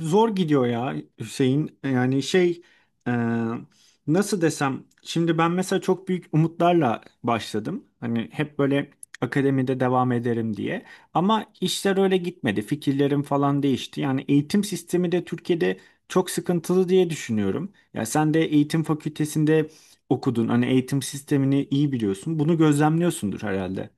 Zor gidiyor ya, Hüseyin. Yani e, nasıl desem şimdi, ben mesela çok büyük umutlarla başladım. Hani hep böyle akademide devam ederim diye. Ama işler öyle gitmedi. Fikirlerim falan değişti. Yani eğitim sistemi de Türkiye'de çok sıkıntılı diye düşünüyorum. Ya sen de eğitim fakültesinde okudun. Hani eğitim sistemini iyi biliyorsun. Bunu gözlemliyorsundur herhalde.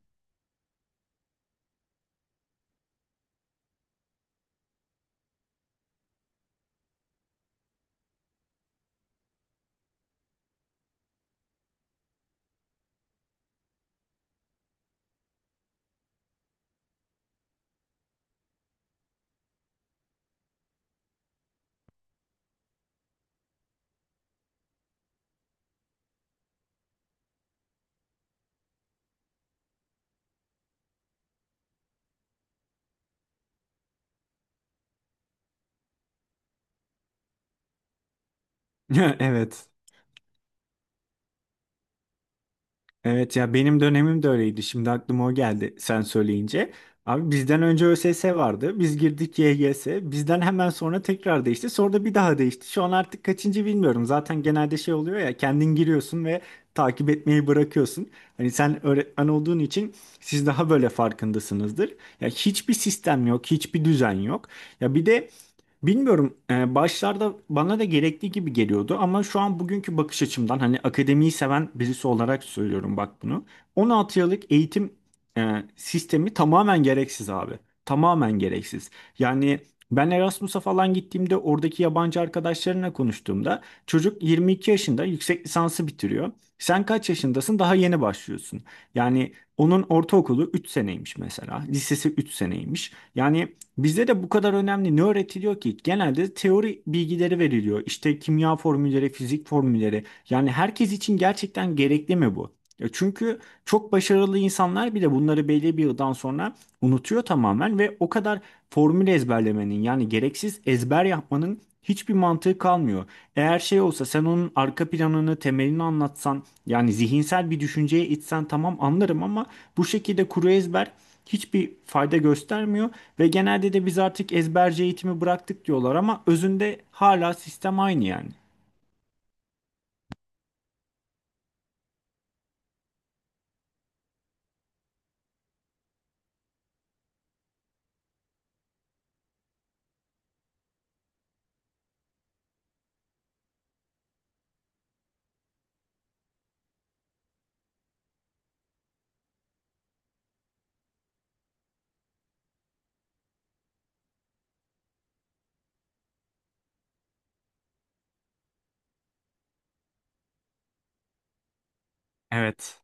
Evet. Evet ya, benim dönemim de öyleydi. Şimdi aklıma o geldi sen söyleyince. Abi, bizden önce ÖSS vardı. Biz girdik YGS. Bizden hemen sonra tekrar değişti. Sonra da bir daha değişti. Şu an artık kaçıncı bilmiyorum. Zaten genelde şey oluyor ya, kendin giriyorsun ve takip etmeyi bırakıyorsun. Hani sen öğretmen olduğun için siz daha böyle farkındasınızdır. Ya hiçbir sistem yok, hiçbir düzen yok. Ya bir de bilmiyorum. Başlarda bana da gerekli gibi geliyordu ama şu an bugünkü bakış açımdan, hani akademiyi seven birisi olarak söylüyorum bak bunu. 16 yıllık eğitim sistemi tamamen gereksiz abi. Tamamen gereksiz. Yani ben Erasmus'a falan gittiğimde, oradaki yabancı arkadaşlarına konuştuğumda çocuk 22 yaşında yüksek lisansı bitiriyor. Sen kaç yaşındasın? Daha yeni başlıyorsun. Yani onun ortaokulu 3 seneymiş mesela. Lisesi 3 seneymiş. Yani bizde de bu kadar önemli ne öğretiliyor ki? Genelde teori bilgileri veriliyor. İşte kimya formülleri, fizik formülleri. Yani herkes için gerçekten gerekli mi bu? Ya çünkü çok başarılı insanlar bile bunları belli bir yıldan sonra unutuyor tamamen ve o kadar formül ezberlemenin, yani gereksiz ezber yapmanın hiçbir mantığı kalmıyor. Eğer şey olsa, sen onun arka planını, temelini anlatsan, yani zihinsel bir düşünceye itsen tamam anlarım ama bu şekilde kuru ezber hiçbir fayda göstermiyor ve genelde de biz artık ezberci eğitimi bıraktık diyorlar ama özünde hala sistem aynı yani. Evet.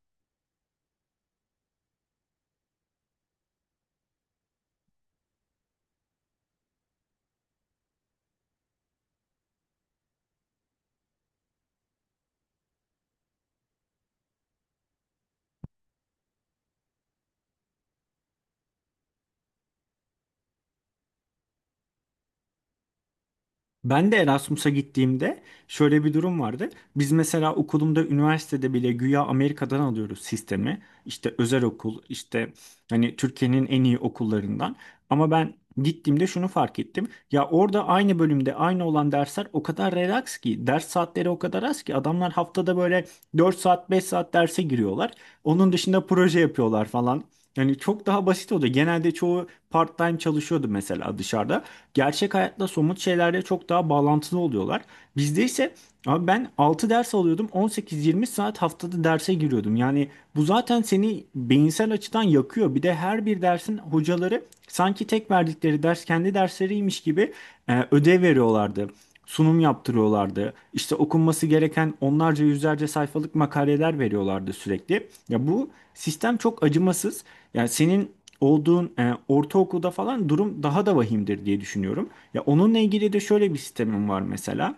Ben de Erasmus'a gittiğimde şöyle bir durum vardı. Biz mesela okulumda, üniversitede bile güya Amerika'dan alıyoruz sistemi. İşte özel okul, işte hani Türkiye'nin en iyi okullarından. Ama ben gittiğimde şunu fark ettim. Ya orada aynı bölümde aynı olan dersler o kadar relax ki, ders saatleri o kadar az ki adamlar haftada böyle 4 saat, 5 saat derse giriyorlar. Onun dışında proje yapıyorlar falan. Yani çok daha basit oldu. Genelde çoğu part-time çalışıyordu mesela dışarıda. Gerçek hayatta somut şeylerle çok daha bağlantılı oluyorlar. Bizde ise abi ben 6 ders alıyordum, 18-20 saat haftada derse giriyordum. Yani bu zaten seni beyinsel açıdan yakıyor. Bir de her bir dersin hocaları sanki tek verdikleri ders kendi dersleriymiş gibi ödev veriyorlardı. Sunum yaptırıyorlardı. İşte okunması gereken onlarca, yüzlerce sayfalık makaleler veriyorlardı sürekli. Ya bu sistem çok acımasız. Yani senin olduğun ortaokulda falan durum daha da vahimdir diye düşünüyorum. Ya onunla ilgili de şöyle bir sistemim var mesela.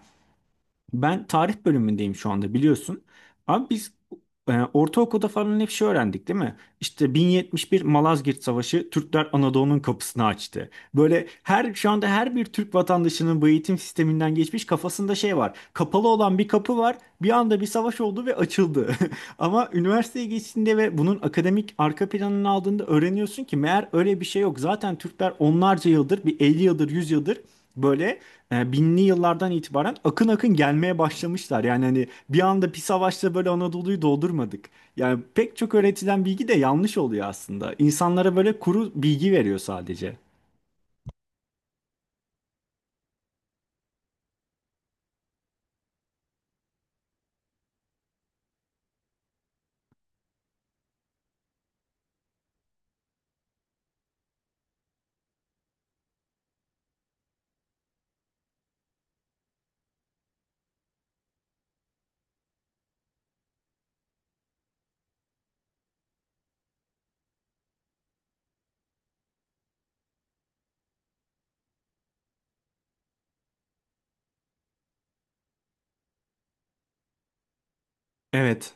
Ben tarih bölümündeyim şu anda biliyorsun. Abi biz ortaokulda falan hep şey öğrendik değil mi? İşte 1071 Malazgirt Savaşı, Türkler Anadolu'nun kapısını açtı. Böyle her şu anda her bir Türk vatandaşının bu eğitim sisteminden geçmiş kafasında şey var. Kapalı olan bir kapı var. Bir anda bir savaş oldu ve açıldı. Ama üniversiteye geçtiğinde ve bunun akademik arka planını aldığında öğreniyorsun ki meğer öyle bir şey yok. Zaten Türkler onlarca yıldır, bir 50 yıldır, 100 yıldır böyle binli yıllardan itibaren akın akın gelmeye başlamışlar. Yani hani bir anda bir savaşta böyle Anadolu'yu doldurmadık. Yani pek çok öğretilen bilgi de yanlış oluyor aslında. İnsanlara böyle kuru bilgi veriyor sadece. Evet.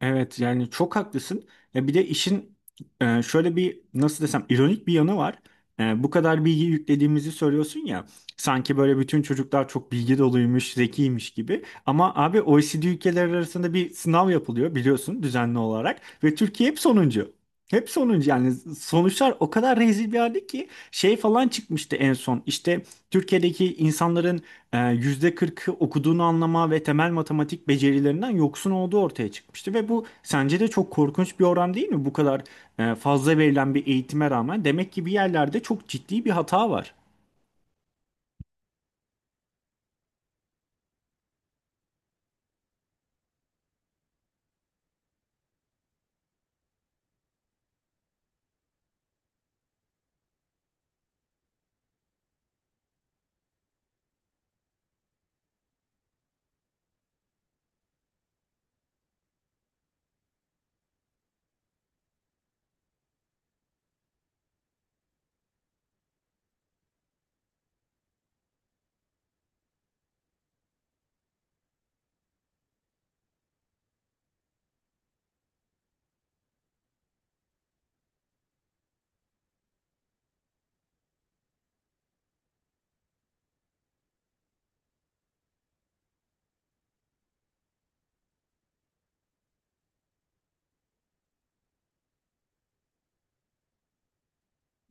Evet, yani çok haklısın. Ya bir de işin şöyle bir, nasıl desem, ironik bir yanı var. Bu kadar bilgi yüklediğimizi söylüyorsun ya. Sanki böyle bütün çocuklar çok bilgi doluymuş, zekiymiş gibi. Ama abi, OECD ülkeleri arasında bir sınav yapılıyor biliyorsun düzenli olarak ve Türkiye hep sonuncu. Hep sonuncu, yani sonuçlar o kadar rezil bir halde ki şey falan çıkmıştı en son. İşte Türkiye'deki insanların %40'ı okuduğunu anlama ve temel matematik becerilerinden yoksun olduğu ortaya çıkmıştı. Ve bu sence de çok korkunç bir oran değil mi? Bu kadar fazla verilen bir eğitime rağmen demek ki bir yerlerde çok ciddi bir hata var.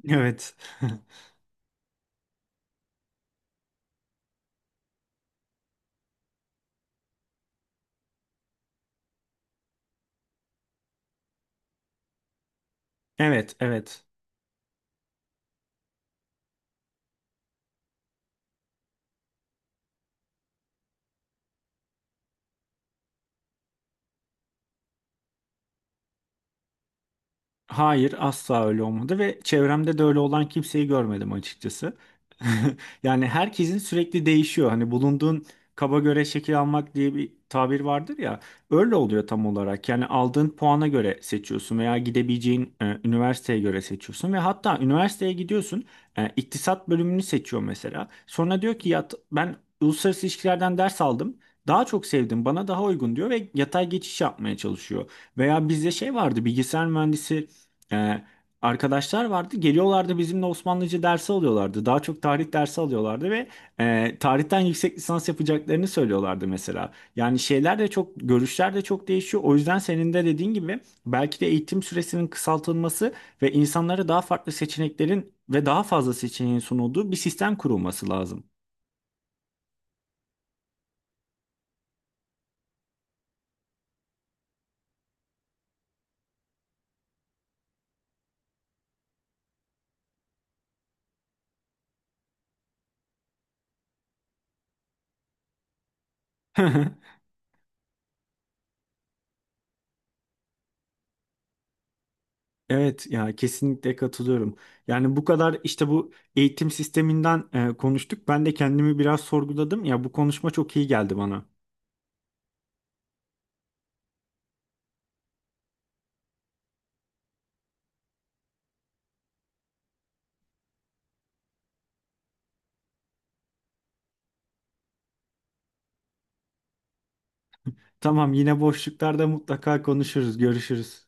Evet. Evet, evet. Hayır, asla öyle olmadı ve çevremde de öyle olan kimseyi görmedim açıkçası. Yani herkesin sürekli değişiyor. Hani bulunduğun kaba göre şekil almak diye bir tabir vardır ya. Öyle oluyor tam olarak. Yani aldığın puana göre seçiyorsun veya gidebileceğin üniversiteye göre seçiyorsun ve hatta üniversiteye gidiyorsun, iktisat bölümünü seçiyor mesela. Sonra diyor ki ya, ben uluslararası ilişkilerden ders aldım. Daha çok sevdim, bana daha uygun diyor ve yatay geçiş yapmaya çalışıyor. Veya bizde şey vardı, bilgisayar mühendisi ee, arkadaşlar vardı. Geliyorlardı, bizimle Osmanlıca dersi alıyorlardı. Daha çok tarih dersi alıyorlardı ve tarihten yüksek lisans yapacaklarını söylüyorlardı mesela. Yani şeyler de çok, görüşler de çok değişiyor. O yüzden senin de dediğin gibi belki de eğitim süresinin kısaltılması ve insanlara daha farklı seçeneklerin ve daha fazla seçeneğin sunulduğu bir sistem kurulması lazım. Evet ya, kesinlikle katılıyorum. Yani bu kadar işte bu eğitim sisteminden konuştuk. Ben de kendimi biraz sorguladım. Ya bu konuşma çok iyi geldi bana. Tamam, yine boşluklarda mutlaka konuşuruz, görüşürüz.